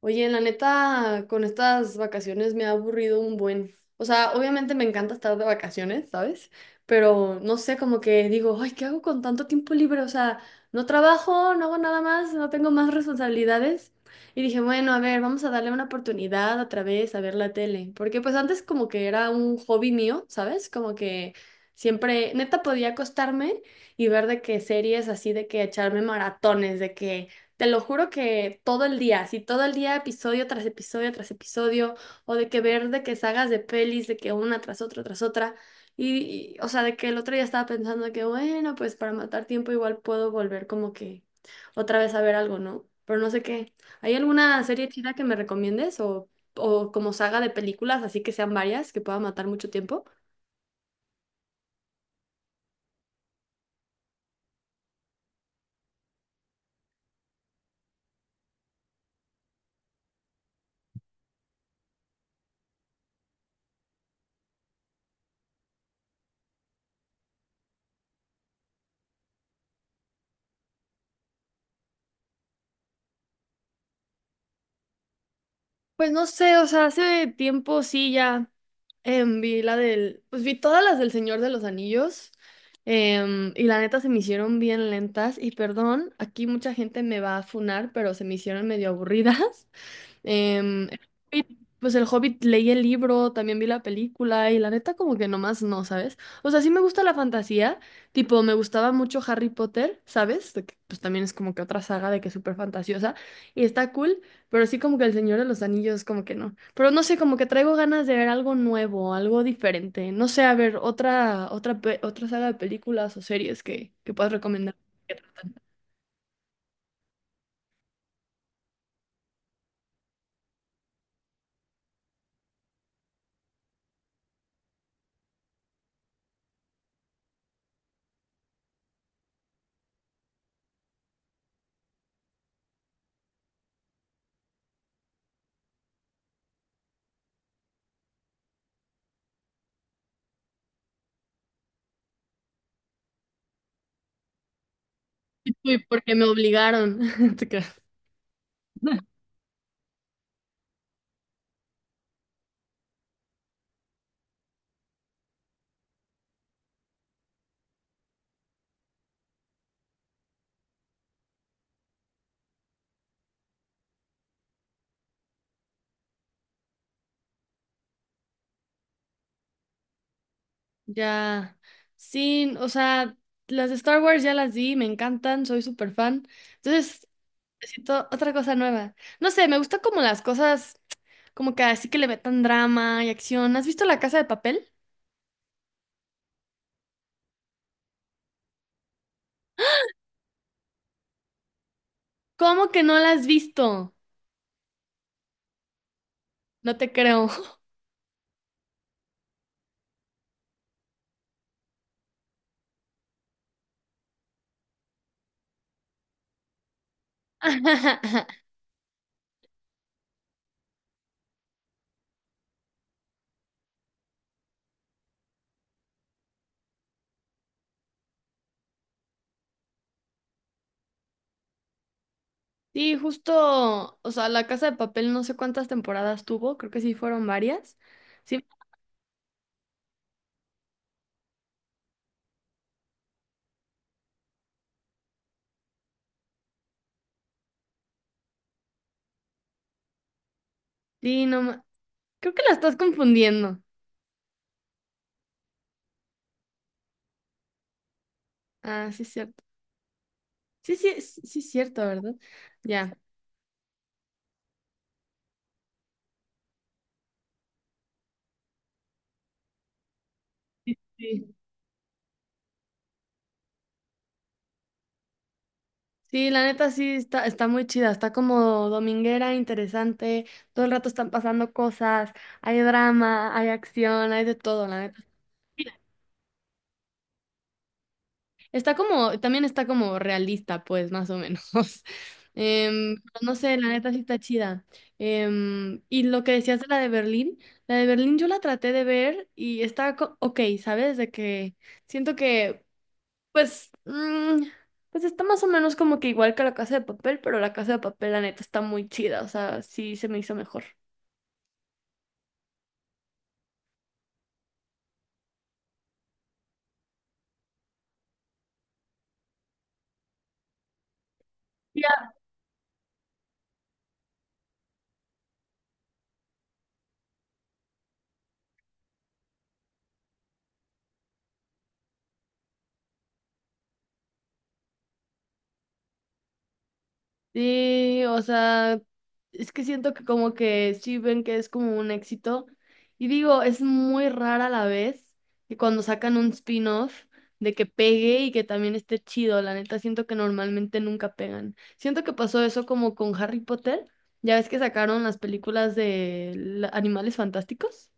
Oye, la neta, con estas vacaciones me ha aburrido un buen. O sea, obviamente me encanta estar de vacaciones, ¿sabes? Pero no sé, como que digo, ay, ¿qué hago con tanto tiempo libre? O sea, no trabajo, no hago nada más, no tengo más responsabilidades. Y dije, bueno, a ver, vamos a darle una oportunidad otra vez a ver la tele. Porque pues antes como que era un hobby mío, ¿sabes? Como que siempre, neta, podía acostarme y ver de qué series así, de que echarme maratones, de que... Te lo juro que todo el día, así todo el día, episodio tras episodio tras episodio, o de que ver de que sagas de pelis, de que una tras otra tras otra. Y, o sea, de que el otro día estaba pensando que, bueno, pues para matar tiempo igual puedo volver como que otra vez a ver algo, ¿no? Pero no sé qué. ¿Hay alguna serie chida que me recomiendes o como saga de películas, así que sean varias, que pueda matar mucho tiempo? Pues no sé, o sea, hace tiempo sí ya vi la del, pues vi todas las del Señor de los Anillos y la neta se me hicieron bien lentas y perdón, aquí mucha gente me va a funar, pero se me hicieron medio aburridas. El Hobbit, pues el Hobbit leí el libro, también vi la película y la neta como que nomás no, ¿sabes? O sea, sí me gusta la fantasía, tipo me gustaba mucho Harry Potter, ¿sabes? De que, pues también es como que otra saga de que es súper fantasiosa y está cool, pero sí como que El Señor de los Anillos como que no. Pero no sé, como que traigo ganas de ver algo nuevo, algo diferente, no sé, a ver otra pe- otra saga de películas o series que puedas recomendar. Que tratan. Y tú, porque me obligaron. Te creo. Ya, sí, o sea, las de Star Wars ya las vi, me encantan, soy súper fan. Entonces, necesito otra cosa nueva. No sé, me gusta como las cosas, como que así que le metan drama y acción. ¿Has visto La Casa de Papel? ¿Cómo que no la has visto? No te creo. Sí, justo, o sea, La Casa de Papel no sé cuántas temporadas tuvo, creo que sí fueron varias. Sí, sí, no, ma- creo que la estás confundiendo. Ah, sí es cierto. Sí, sí, sí es cierto, ¿verdad? Ya. Sí, sí, la neta sí está, está muy chida, está como dominguera, interesante, todo el rato están pasando cosas, hay drama, hay acción, hay de todo, la neta. Está como, también está como realista, pues, más o menos. Pero no sé, la neta sí está chida. Y lo que decías de la de Berlín yo la traté de ver y está co- ok, ¿sabes? De que siento que pues, pues está más o menos como que igual que la Casa de Papel, pero la Casa de Papel, la neta, está muy chida, o sea, sí se me hizo mejor. Ya. Sí, o sea, es que siento que como que sí ven que es como un éxito. Y digo, es muy rara la vez que cuando sacan un spin-off de que pegue y que también esté chido, la neta, siento que normalmente nunca pegan. Siento que pasó eso como con Harry Potter, ya ves que sacaron las películas de la- Animales Fantásticos.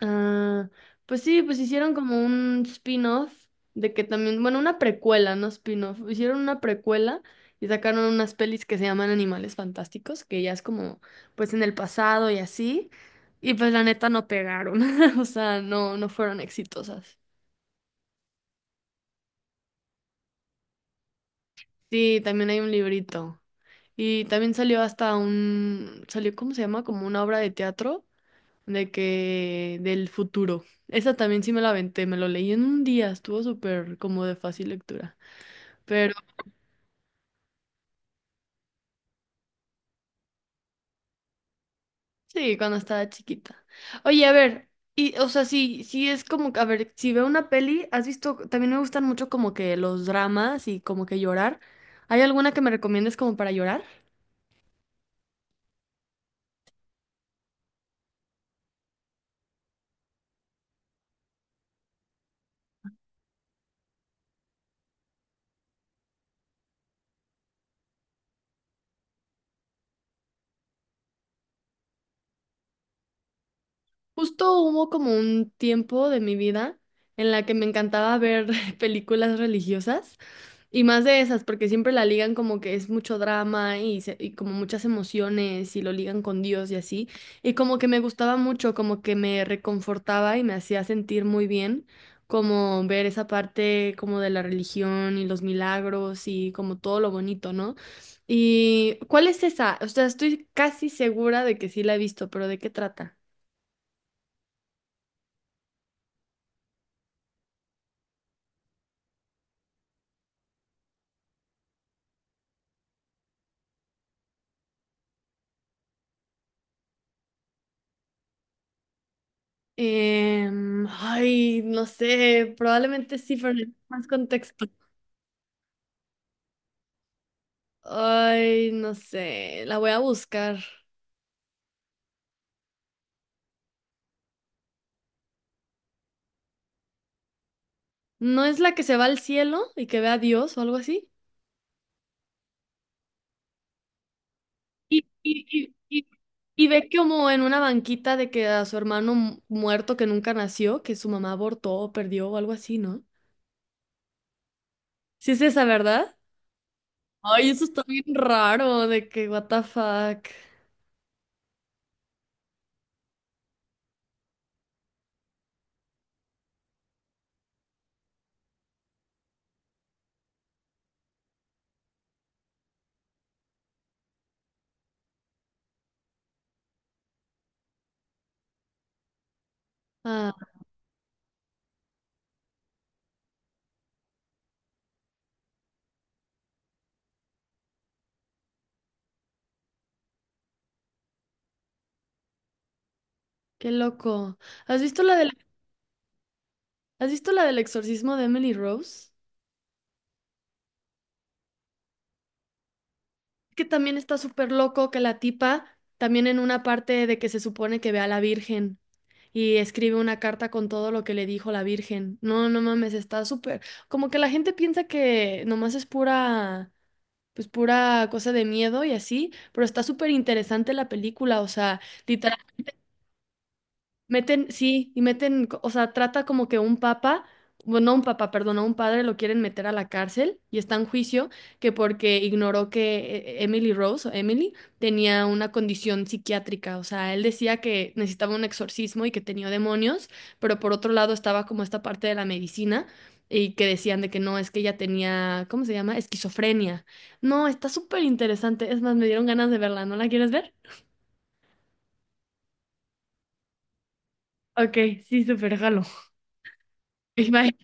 Ah, pues sí, pues hicieron como un spin-off de que también, bueno, una precuela, no spin-off, hicieron una precuela y sacaron unas pelis que se llaman Animales Fantásticos, que ya es como, pues en el pasado y así, y pues la neta no pegaron, o sea, no, no fueron exitosas. Sí, también hay un librito. Y también salió hasta un, salió, ¿cómo se llama? Como una obra de teatro de que del futuro. Esa también sí me la aventé, me lo leí en un día, estuvo súper como de fácil lectura. Pero sí, cuando estaba chiquita. Oye, a ver, y o sea, sí, sí es como, que- a ver, si veo una peli, has visto, también me gustan mucho como que los dramas y como que llorar. ¿Hay alguna que me recomiendes como para llorar? Justo hubo como un tiempo de mi vida en la que me encantaba ver películas religiosas. Y más de esas, porque siempre la ligan como que es mucho drama y, se- y como muchas emociones y lo ligan con Dios y así. Y como que me gustaba mucho, como que me reconfortaba y me hacía sentir muy bien, como ver esa parte como de la religión y los milagros y como todo lo bonito, ¿no? ¿Y cuál es esa? O sea, estoy casi segura de que sí la he visto, pero ¿de qué trata? Ay, no sé, probablemente sí, pero necesito más contexto. Ay, no sé, la voy a buscar. ¿No es la que se va al cielo y que ve a Dios o algo así? Y, y, y, y- y ve como en una banquita de que a su hermano mu- muerto que nunca nació, que su mamá abortó o perdió o algo así, ¿no? Sí es esa, ¿verdad? Ay, eso está bien raro, de que what the fuck. Ah, qué loco. ¿Has visto la del, ¿has visto la del exorcismo de Emily Rose? Que también está súper loco que la tipa, también en una parte de que se supone que ve a la Virgen y escribe una carta con todo lo que le dijo la Virgen. No, no mames, está súper. Como que la gente piensa que nomás es pura, pues pura cosa de miedo y así, pero está súper interesante la película, o sea, literalmente meten, sí, y meten, co- o sea, trata como que un papa, bueno, no un papa, perdón, a un padre lo quieren meter a la cárcel y está en juicio que porque ignoró que Emily Rose o Emily tenía una condición psiquiátrica, o sea, él decía que necesitaba un exorcismo y que tenía demonios, pero por otro lado estaba como esta parte de la medicina y que decían de que no, es que ella tenía, ¿cómo se llama? Esquizofrenia. No, está súper interesante, es más, me dieron ganas de verla, ¿no la quieres ver? Ok, sí, súper, jalo. Bye.